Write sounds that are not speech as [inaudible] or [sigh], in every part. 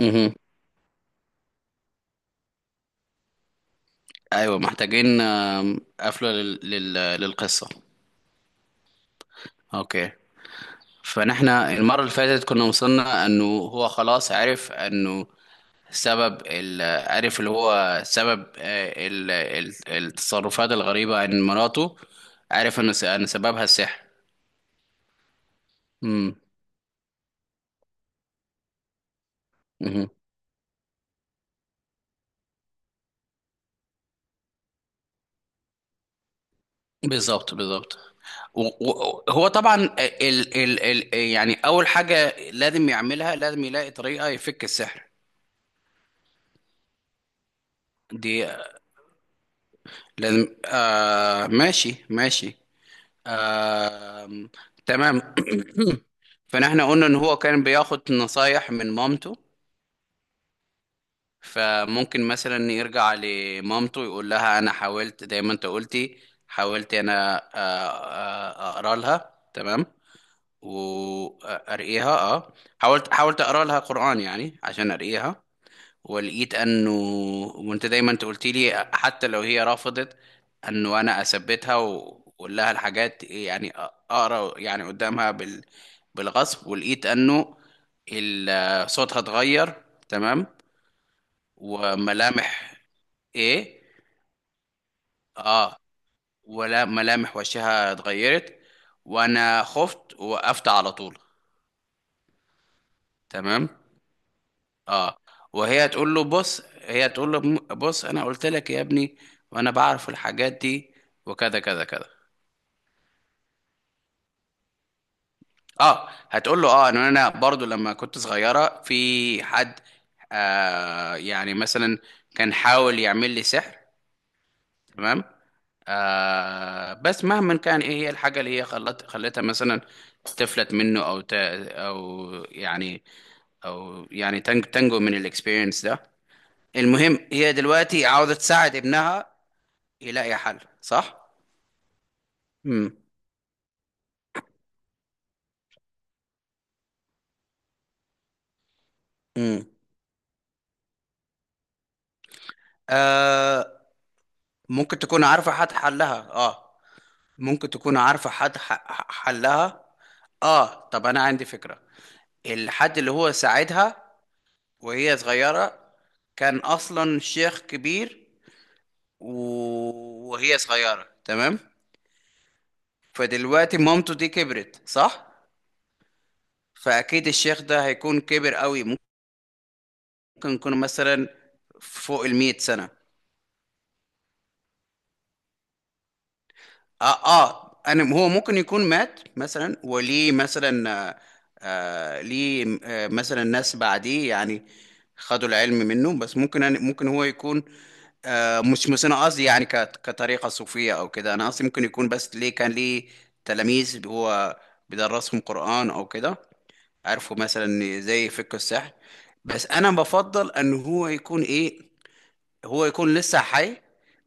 مهم. ايوه محتاجين قفله للقصه. اوكي. فنحن المره اللي فاتت كنا وصلنا انه هو خلاص عرف انه سبب عرف اللي هو سبب التصرفات الغريبه عن مراته. عرف ان سببها السحر. مم. مهم. بالظبط بالظبط. و- هو طبعا يعني اول حاجه لازم يعملها، لازم يلاقي طريقه يفك السحر. دي لازم، آه، ماشي ماشي، آه، تمام. [coughs] [clears throat] فنحن قلنا ان هو كان بياخد نصايح من مامته، فممكن مثلا يرجع لمامته يقول لها: انا حاولت زي ما انت قلتي، حاولت انا، اقرا لها. تمام. وارقيها، اه. حاولت اقرا لها قرآن يعني عشان ارقيها. ولقيت انه، وانت دايما انت قلت لي حتى لو هي رفضت انه انا اثبتها واقول لها الحاجات، يعني اقرا يعني قدامها بالغصب، ولقيت انه صوتها اتغير. تمام. وملامح، ايه، اه، ولا ملامح وشها اتغيرت، وانا خفت ووقفت على طول. تمام. اه. وهي تقول له بص، هي تقول له بص، انا قلت لك يا ابني وانا بعرف الحاجات دي، وكذا كذا كذا. اه، هتقول له اه ان انا برضو لما كنت صغيرة في حد، يعني مثلا كان حاول يعمل لي سحر. تمام. آه، بس مهما كان ايه هي الحاجة اللي هي خلت خلتها مثلا تفلت منه، او يعني، او يعني تنجو من الاكسبيرينس ده. المهم هي دلوقتي عاوزة تساعد ابنها يلاقي حل، صح. امم. امم. آه، ممكن تكون عارفة حد حلها، اه، ممكن تكون عارفة حد حلها. اه، طب انا عندي فكرة. الحد اللي هو ساعدها وهي صغيرة كان اصلا شيخ كبير، وهي صغيرة. تمام. فدلوقتي مامته دي كبرت، صح، فاكيد الشيخ ده هيكون كبر قوي، ممكن يكون مثلا فوق 100 سنة. اه اه، انا هو ممكن يكون مات مثلا، وليه مثلا، ليه، مثلا ناس بعديه يعني خدوا العلم منه. بس ممكن، أنا ممكن هو يكون، مش انا قصدي يعني كطريقة صوفية او كده، انا قصدي ممكن يكون، بس ليه كان ليه تلاميذ هو بيدرسهم قرآن او كده، عارفوا مثلا زي فقه السحر. بس انا بفضل ان هو يكون ايه، هو يكون لسه حي،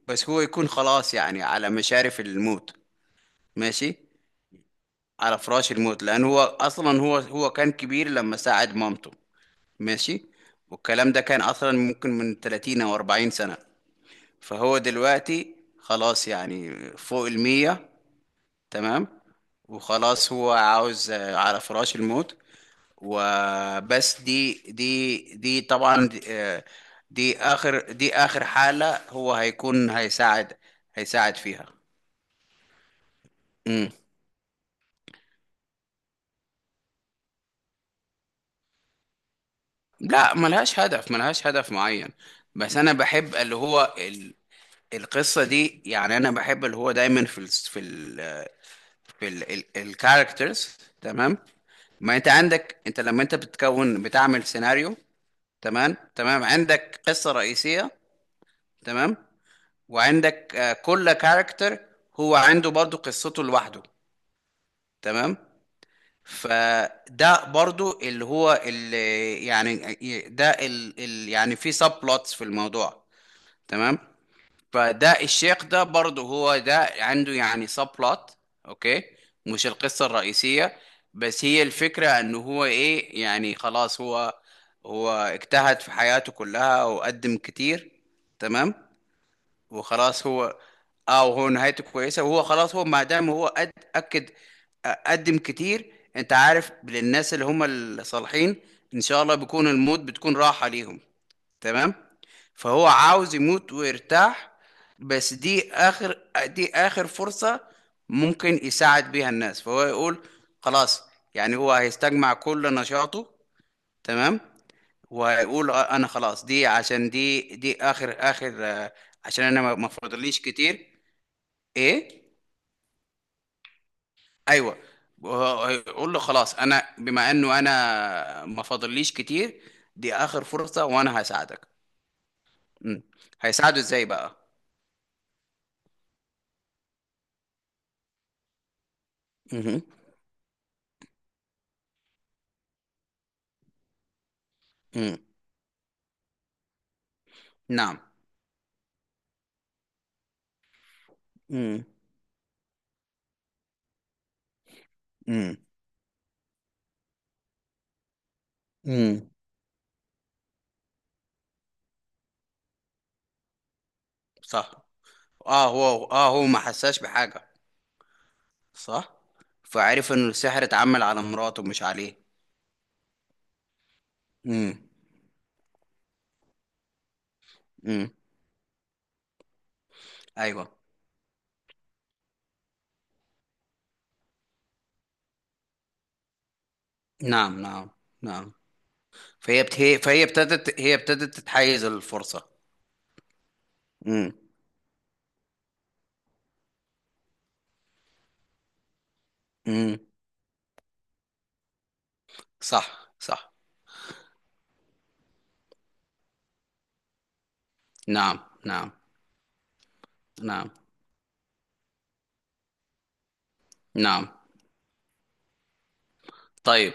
بس هو يكون خلاص يعني على مشارف الموت. ماشي، على فراش الموت، لان هو اصلا، هو كان كبير لما ساعد مامته. ماشي. والكلام ده كان اصلا ممكن من 30 او 40 سنة، فهو دلوقتي خلاص يعني فوق 100. تمام. وخلاص هو عاوز، آه، على فراش الموت. وبس، دي طبعا، دي اخر، دي اخر حالة هو هيكون هيساعد، هيساعد فيها. لا، ملهاش هدف، ملهاش هدف معين، بس انا بحب اللي هو القصة دي. يعني انا بحب اللي هو دايما في الكاركترز. تمام. ما انت عندك، انت لما انت بتكون بتعمل سيناريو، تمام تمام، عندك قصة رئيسية، تمام، وعندك، كل كاركتر هو عنده برضو قصته لوحده. تمام. فده برضو اللي هو اللي يعني، ده ال يعني، في سب بلوتس في الموضوع. تمام. فده الشيخ ده برضو، هو ده عنده يعني سب بلوت. اوكي، مش القصة الرئيسية، بس هي الفكرة ان هو ايه يعني، خلاص هو، هو اجتهد في حياته كلها وقدم كتير. تمام. وخلاص هو، اه، وهو نهايته كويسه، وهو خلاص هو ما دام هو اكد، قدم كتير، انت عارف، للناس اللي هم الصالحين ان شاء الله بيكون الموت بتكون راحه ليهم. تمام. فهو عاوز يموت ويرتاح، بس دي اخر، دي اخر فرصة ممكن يساعد بيها الناس، فهو يقول خلاص. يعني هو هيستجمع كل نشاطه. تمام. ويقول، انا خلاص، دي عشان دي اخر اخر، عشان انا ما فاضليش كتير. ايه. ايوه. يقول له: خلاص، انا بما انه انا ما فاضليش كتير، دي اخر فرصة، وانا هساعدك. مم. هيساعده ازاي بقى؟ مهم. مم. نعم. مم. مم. مم. صح. اه، هو اه، هو ما حساش بحاجة. صح. فعرف ان السحر اتعمل على مراته مش عليه. امم. امم. ايوه. نعم نعم نعم. فهي ابتدت، هي ابتدت تتحيز الفرصة. امم. امم. صح صح. نعم. نعم نعم نعم. طيب.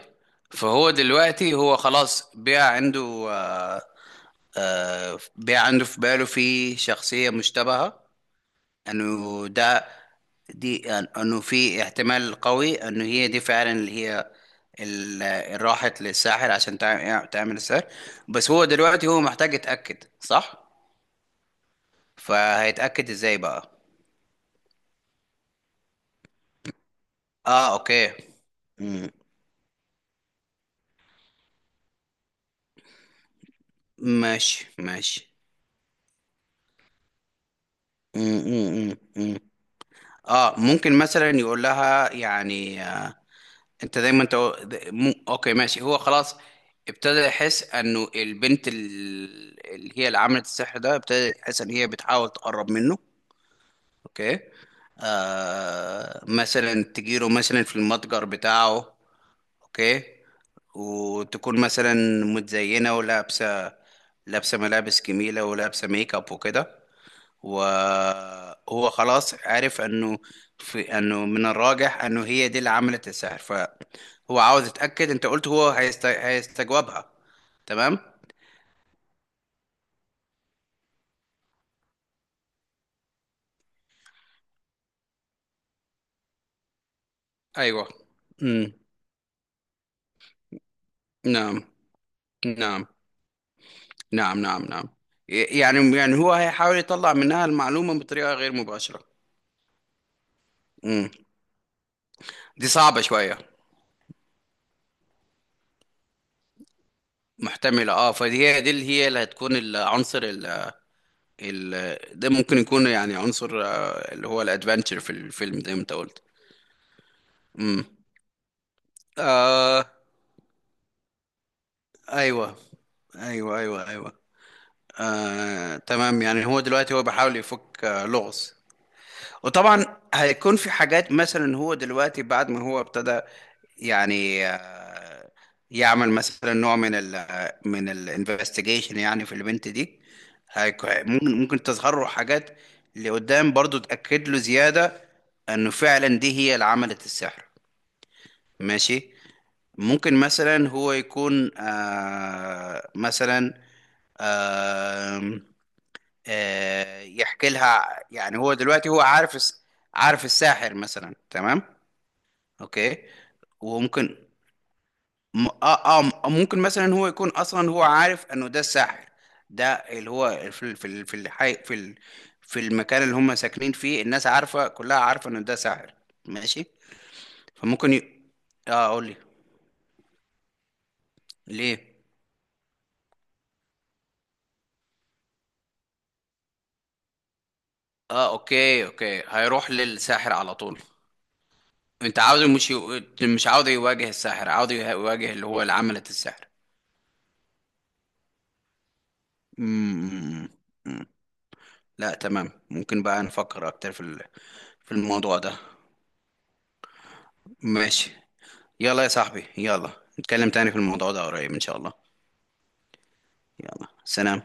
فهو دلوقتي هو خلاص بقى عنده، آه بقى عنده في باله، في شخصية مشتبهة انه ده، انه في احتمال قوي انه هي دي فعلا اللي هي اللي راحت للساحر عشان تعمل السحر. بس هو دلوقتي هو محتاج يتأكد، صح. فهيتأكد ازاي بقى؟ اه، اوكي. مم. ماشي ماشي. مم، مم، مم، مم. اه، ممكن مثلا يقول لها يعني، انت دايما انت اوكي ماشي، هو خلاص ابتدى يحس انه البنت اللي هي اللي عملت السحر ده، ابتدى يحس ان هي بتحاول تقرب منه. اوكي. آه، مثلا تجيله مثلا في المتجر بتاعه. اوكي. وتكون مثلا متزينة ولابسة، لابسة ملابس جميلة ولابسة ميك اب وكده. وهو خلاص عرف انه في، انه من الراجح انه هي دي اللي عملت السحر، فهو عاوز يتأكد. انت قلت هو هيستجوبها. تمام. ايوه. امم. نعم. نعم نعم نعم نعم. يعني، يعني هو هيحاول يطلع منها المعلومة بطريقة غير مباشرة. امم. دي صعبة شوية. محتملة، اه. فدي، هي دي اللي هي اللي هتكون العنصر ده، ممكن يكون يعني عنصر، اللي هو الادفنتشر في الفيلم زي ما انت قلت. امم. آه. ايوه ايوه ايوه ايوه. آه تمام، يعني هو دلوقتي هو بيحاول يفك، آه، لغز. وطبعا هيكون في حاجات. مثلا هو دلوقتي بعد ما هو ابتدى يعني، يعمل مثلا نوع من ال آه، من الانفستيجيشن يعني في البنت دي، ممكن، ممكن تظهر له حاجات لقدام برضو تأكد له زيادة انه فعلا دي هي اللي عملت السحر. ماشي. ممكن مثلا هو يكون، مثلا، آه يحكي لها. يعني هو دلوقتي هو عارف عارف الساحر مثلا. تمام. اوكي. وممكن، ممكن مثلا هو يكون اصلا هو عارف انه ده الساحر، ده اللي هو في في الحي، في في المكان اللي هم ساكنين فيه، الناس عارفة، كلها عارفة انه ده ساحر. ماشي. فممكن ي... اه قول لي. ليه؟ اه اوكي، اوكي، هيروح للساحر على طول. انت عاوز، مش عاوز يواجه الساحر، عاوز يواجه اللي هو اللي عملت السحر. مم. مم. لا تمام، ممكن بقى نفكر اكتر في في الموضوع ده. ماشي. يلا يا صاحبي، يلا، نتكلم تاني في الموضوع ده قريب ان شاء الله. يلا سلام.